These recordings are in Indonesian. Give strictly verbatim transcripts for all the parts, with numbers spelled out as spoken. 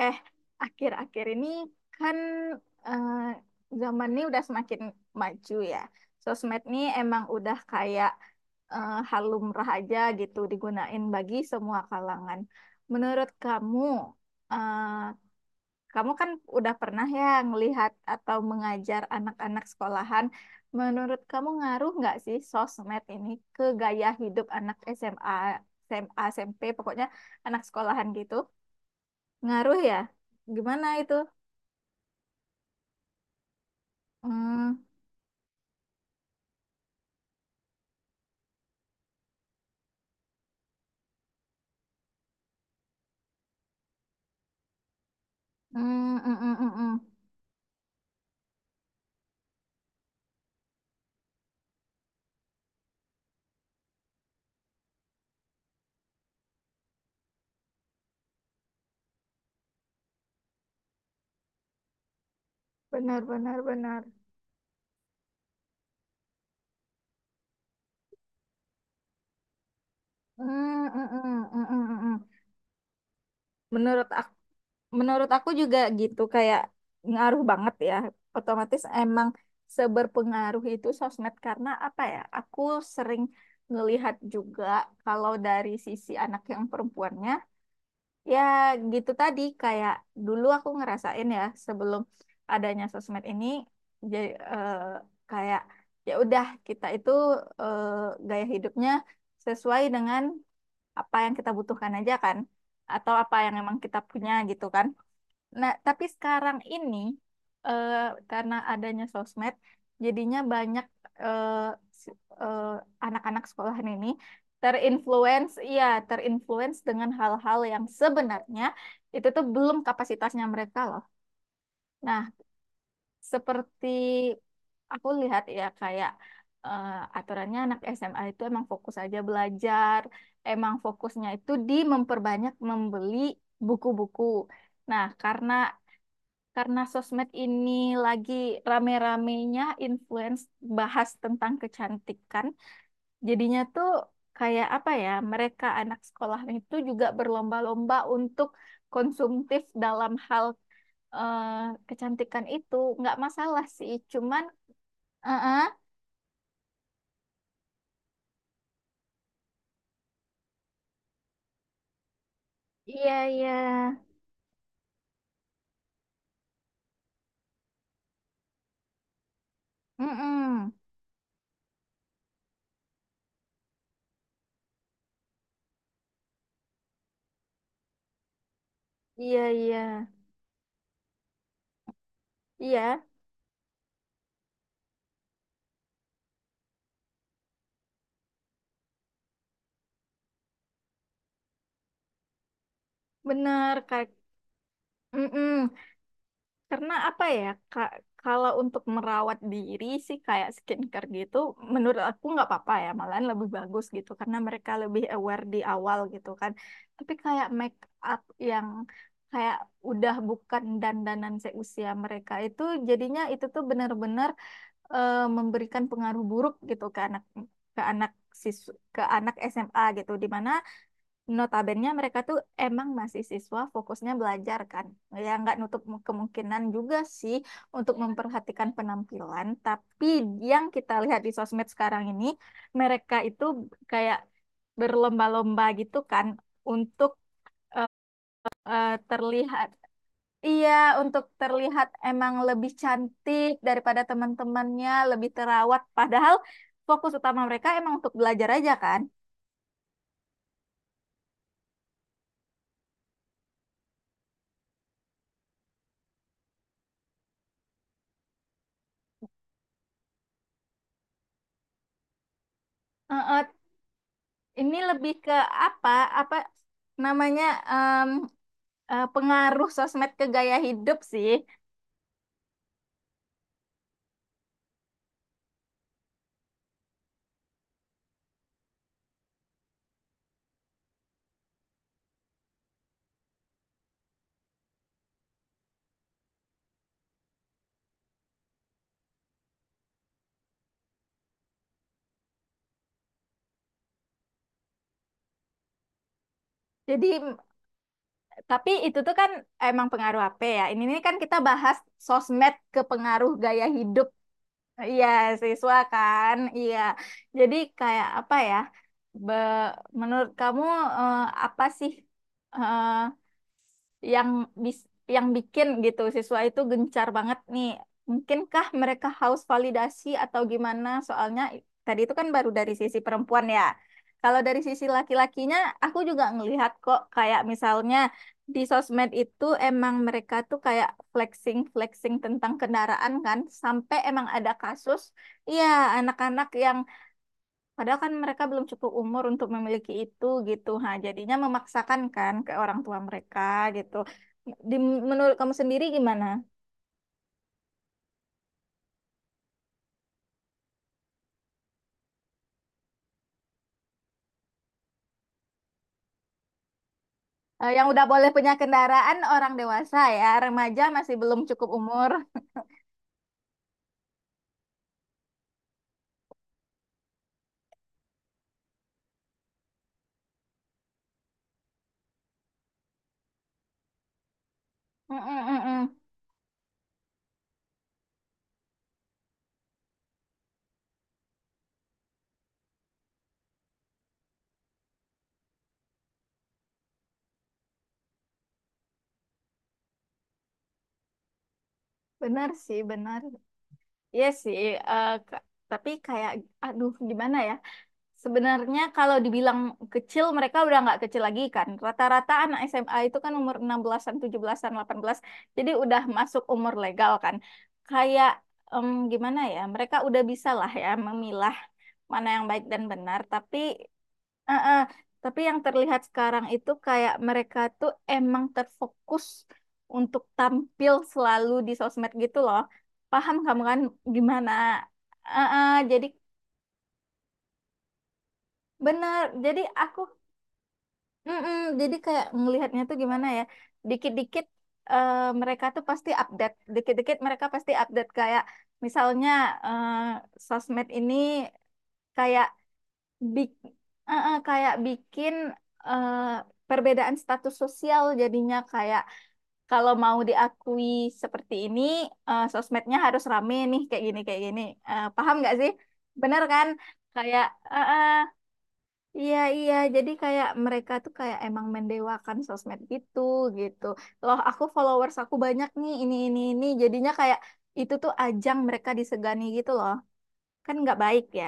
Eh, Akhir-akhir ini kan eh, zaman ini udah semakin maju ya. Sosmed nih emang udah kayak eh, hal lumrah aja gitu digunain bagi semua kalangan. Menurut kamu, eh, kamu kan udah pernah ya ngelihat atau mengajar anak-anak sekolahan. Menurut kamu ngaruh nggak sih sosmed ini ke gaya hidup anak S M A, S M A, S M P, pokoknya anak sekolahan gitu? Ngaruh ya? Gimana itu? Hmm, hmm, hmm, hmm, hmm, hmm. Benar, benar, benar. Hmm, hmm, hmm, hmm, hmm, hmm, hmm. Menurut aku, menurut aku juga gitu, kayak ngaruh banget ya. Otomatis emang seberpengaruh itu sosmed karena apa ya? Aku sering ngelihat juga kalau dari sisi anak yang perempuannya. Ya gitu tadi kayak dulu aku ngerasain ya sebelum adanya sosmed ini, jadi kayak ya udah kita itu eh, gaya hidupnya sesuai dengan apa yang kita butuhkan aja kan, atau apa yang emang kita punya gitu kan. Nah, tapi sekarang ini eh, karena adanya sosmed, jadinya banyak eh, si- eh, anak-anak sekolahan ini terinfluence, iya, terinfluence dengan hal-hal yang sebenarnya itu tuh belum kapasitasnya mereka loh. Nah, seperti aku lihat ya kayak eh, aturannya anak S M A itu emang fokus aja belajar, emang fokusnya itu di memperbanyak membeli buku-buku. Nah, karena karena sosmed ini lagi rame-ramenya influence bahas tentang kecantikan, jadinya tuh kayak apa ya, mereka anak sekolah itu juga berlomba-lomba untuk konsumtif dalam hal eh, kecantikan itu. Nggak masalah sih, cuman eh, eh, iya iya. Mm-mm. Iya iya, iya bener kayak. Mm-mm. Karena apa ya, Kak, kalau untuk merawat diri sih kayak skincare gitu, menurut aku nggak apa-apa ya, malahan lebih bagus gitu, karena mereka lebih aware di awal gitu kan. Tapi kayak make up yang kayak udah bukan dandanan seusia mereka itu, jadinya itu tuh benar-benar eh, memberikan pengaruh buruk gitu ke anak ke anak sis ke anak S M A gitu, dimana Notabene mereka tuh emang masih siswa fokusnya belajar kan. Ya nggak nutup kemungkinan juga sih untuk memperhatikan penampilan. Tapi yang kita lihat di sosmed sekarang ini, mereka itu kayak berlomba-lomba gitu kan untuk eh, eh, terlihat, iya, untuk terlihat emang lebih cantik daripada teman-temannya, lebih terawat padahal fokus utama mereka emang untuk belajar aja kan. Eh, eh, Ini lebih ke apa? Apa namanya em, eh, pengaruh sosmed ke gaya hidup sih. Jadi mm, tapi itu tuh kan emang pengaruh apa ya? Ini ini kan kita bahas sosmed ke pengaruh gaya hidup. Iya, siswa kan. Iya. Jadi kayak apa ya? Be- Menurut kamu eh, apa sih eh, yang bis- yang bikin gitu siswa itu gencar banget nih? Mungkinkah mereka haus validasi atau gimana? Soalnya i- tadi itu kan baru dari sisi perempuan ya. Kalau dari sisi laki-lakinya, aku juga ngelihat kok kayak misalnya di sosmed itu emang mereka tuh kayak flexing flexing tentang kendaraan kan, sampai emang ada kasus, iya, anak-anak yang padahal kan mereka belum cukup umur untuk memiliki itu gitu, ha, jadinya memaksakan kan ke orang tua mereka gitu. di, Menurut kamu sendiri gimana? Eh, yang udah boleh punya kendaraan orang dewasa ya, remaja masih belum cukup umur. Mm, mm, mm, mm. Benar sih, benar. Iya sih, eh, ka- tapi kayak aduh gimana ya. Sebenarnya kalau dibilang kecil, mereka udah nggak kecil lagi kan. Rata-rata anak S M A itu kan umur enam belasan, tujuh belasan, delapan belas. Jadi udah masuk umur legal kan. Kayak em, gimana ya, mereka udah bisa lah ya memilah mana yang baik dan benar. Tapi eh, eh, tapi yang terlihat sekarang itu kayak mereka tuh emang terfokus untuk tampil selalu di sosmed gitu loh. Paham kamu kan gimana? Eh, eh, jadi Benar, jadi aku. Mm-mm. Jadi kayak ngelihatnya tuh gimana ya? Dikit-dikit eh, mereka tuh pasti update, dikit-dikit mereka pasti update kayak misalnya eh, sosmed ini kayak bik, eh, eh, kayak bikin eh, perbedaan status sosial, jadinya kayak kalau mau diakui seperti ini, eh, sosmednya harus rame nih, kayak gini kayak gini. Eh, paham nggak sih? Bener kan? Kayak eh, eh, iya, iya. Jadi kayak mereka tuh kayak emang mendewakan sosmed gitu, gitu. Loh, aku followers aku banyak nih, ini, ini, ini. Jadinya kayak itu tuh ajang mereka disegani gitu loh. Kan nggak baik ya.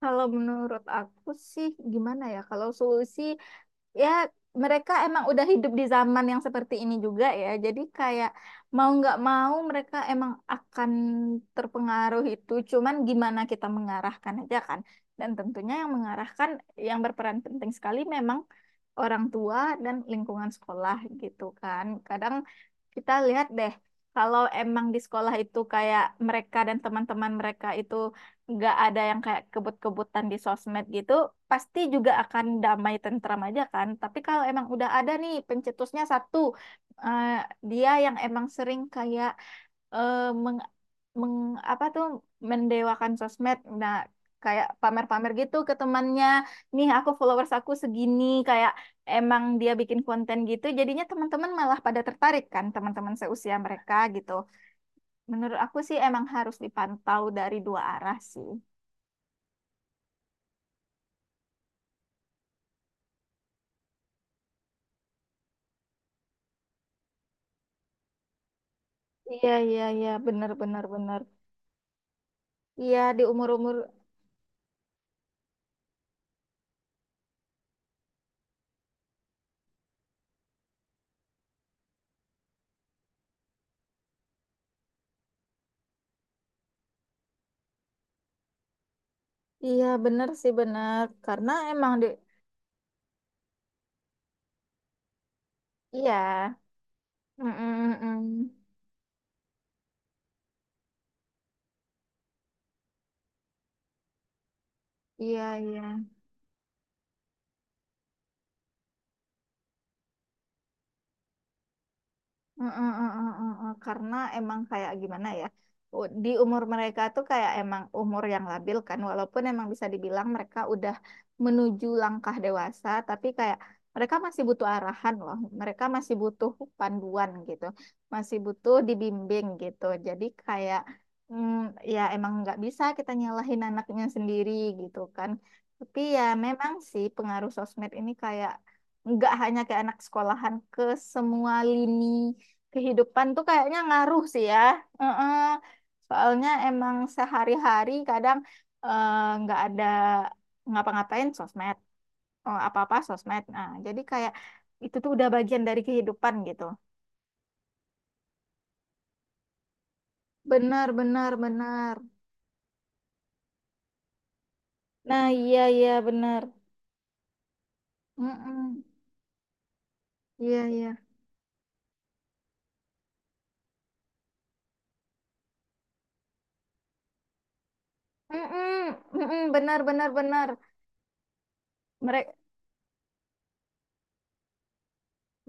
Kalau menurut aku sih gimana ya? Kalau solusi ya mereka emang udah hidup di zaman yang seperti ini juga ya. Jadi kayak mau nggak mau mereka emang akan terpengaruh itu. Cuman gimana kita mengarahkan aja kan. Dan tentunya yang mengarahkan, yang berperan penting sekali memang orang tua dan lingkungan sekolah gitu kan. Kadang kita lihat deh kalau emang di sekolah itu kayak mereka dan teman-teman mereka itu nggak ada yang kayak kebut-kebutan di sosmed gitu, pasti juga akan damai tentram aja kan. Tapi kalau emang udah ada nih pencetusnya satu, eh, dia yang emang sering kayak eh, meng, meng apa tuh mendewakan sosmed. Nah, kayak pamer-pamer gitu ke temannya, nih aku followers aku segini, kayak emang dia bikin konten gitu, jadinya teman-teman malah pada tertarik kan, teman-teman seusia mereka gitu. Menurut aku sih emang harus dipantau dari dua arah sih. Iya, iya, iya, benar, benar, benar. Iya, di umur-umur, iya, benar sih, benar. Karena emang di, iya. Mm, mm, mm, mm. Iya, iya. Mm, mm, mm, mm, mm, mm. Karena emang kayak gimana ya, u- di umur mereka tuh kayak emang umur yang labil kan, walaupun emang bisa dibilang mereka udah menuju langkah dewasa, tapi kayak mereka masih butuh arahan loh, mereka masih butuh panduan gitu, masih butuh dibimbing gitu. Jadi kayak mm, ya emang nggak bisa kita nyalahin anaknya sendiri gitu kan. Tapi ya memang sih pengaruh sosmed ini kayak nggak hanya ke anak sekolahan, ke semua lini kehidupan tuh kayaknya ngaruh sih ya. Heeh. Soalnya emang sehari-hari kadang eh, nggak ada ngapa-ngapain sosmed, oh, apa-apa sosmed. Nah, jadi kayak itu tuh udah bagian dari kehidupan gitu. Benar, benar, benar. Nah, iya, iya, benar. Mm-mm. Iya, iya. Mm-mm. Mm-mm. Benar, benar, benar. Mereka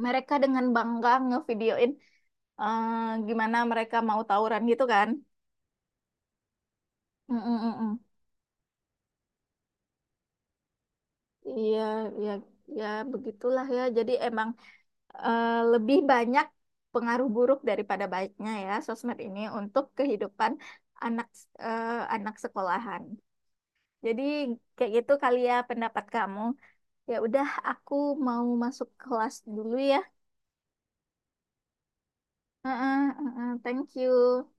mereka dengan bangga ngevideoin eh, gimana mereka mau tawuran gitu kan. Mm-mm, mm-mm. Iya, ya, ya begitulah ya. Jadi emang eh, lebih banyak pengaruh buruk daripada baiknya ya sosmed ini untuk kehidupan anak eh, anak sekolahan. Jadi kayak gitu kali ya pendapat kamu. Ya udah, aku mau masuk kelas dulu ya. Heeh, heeh, thank you.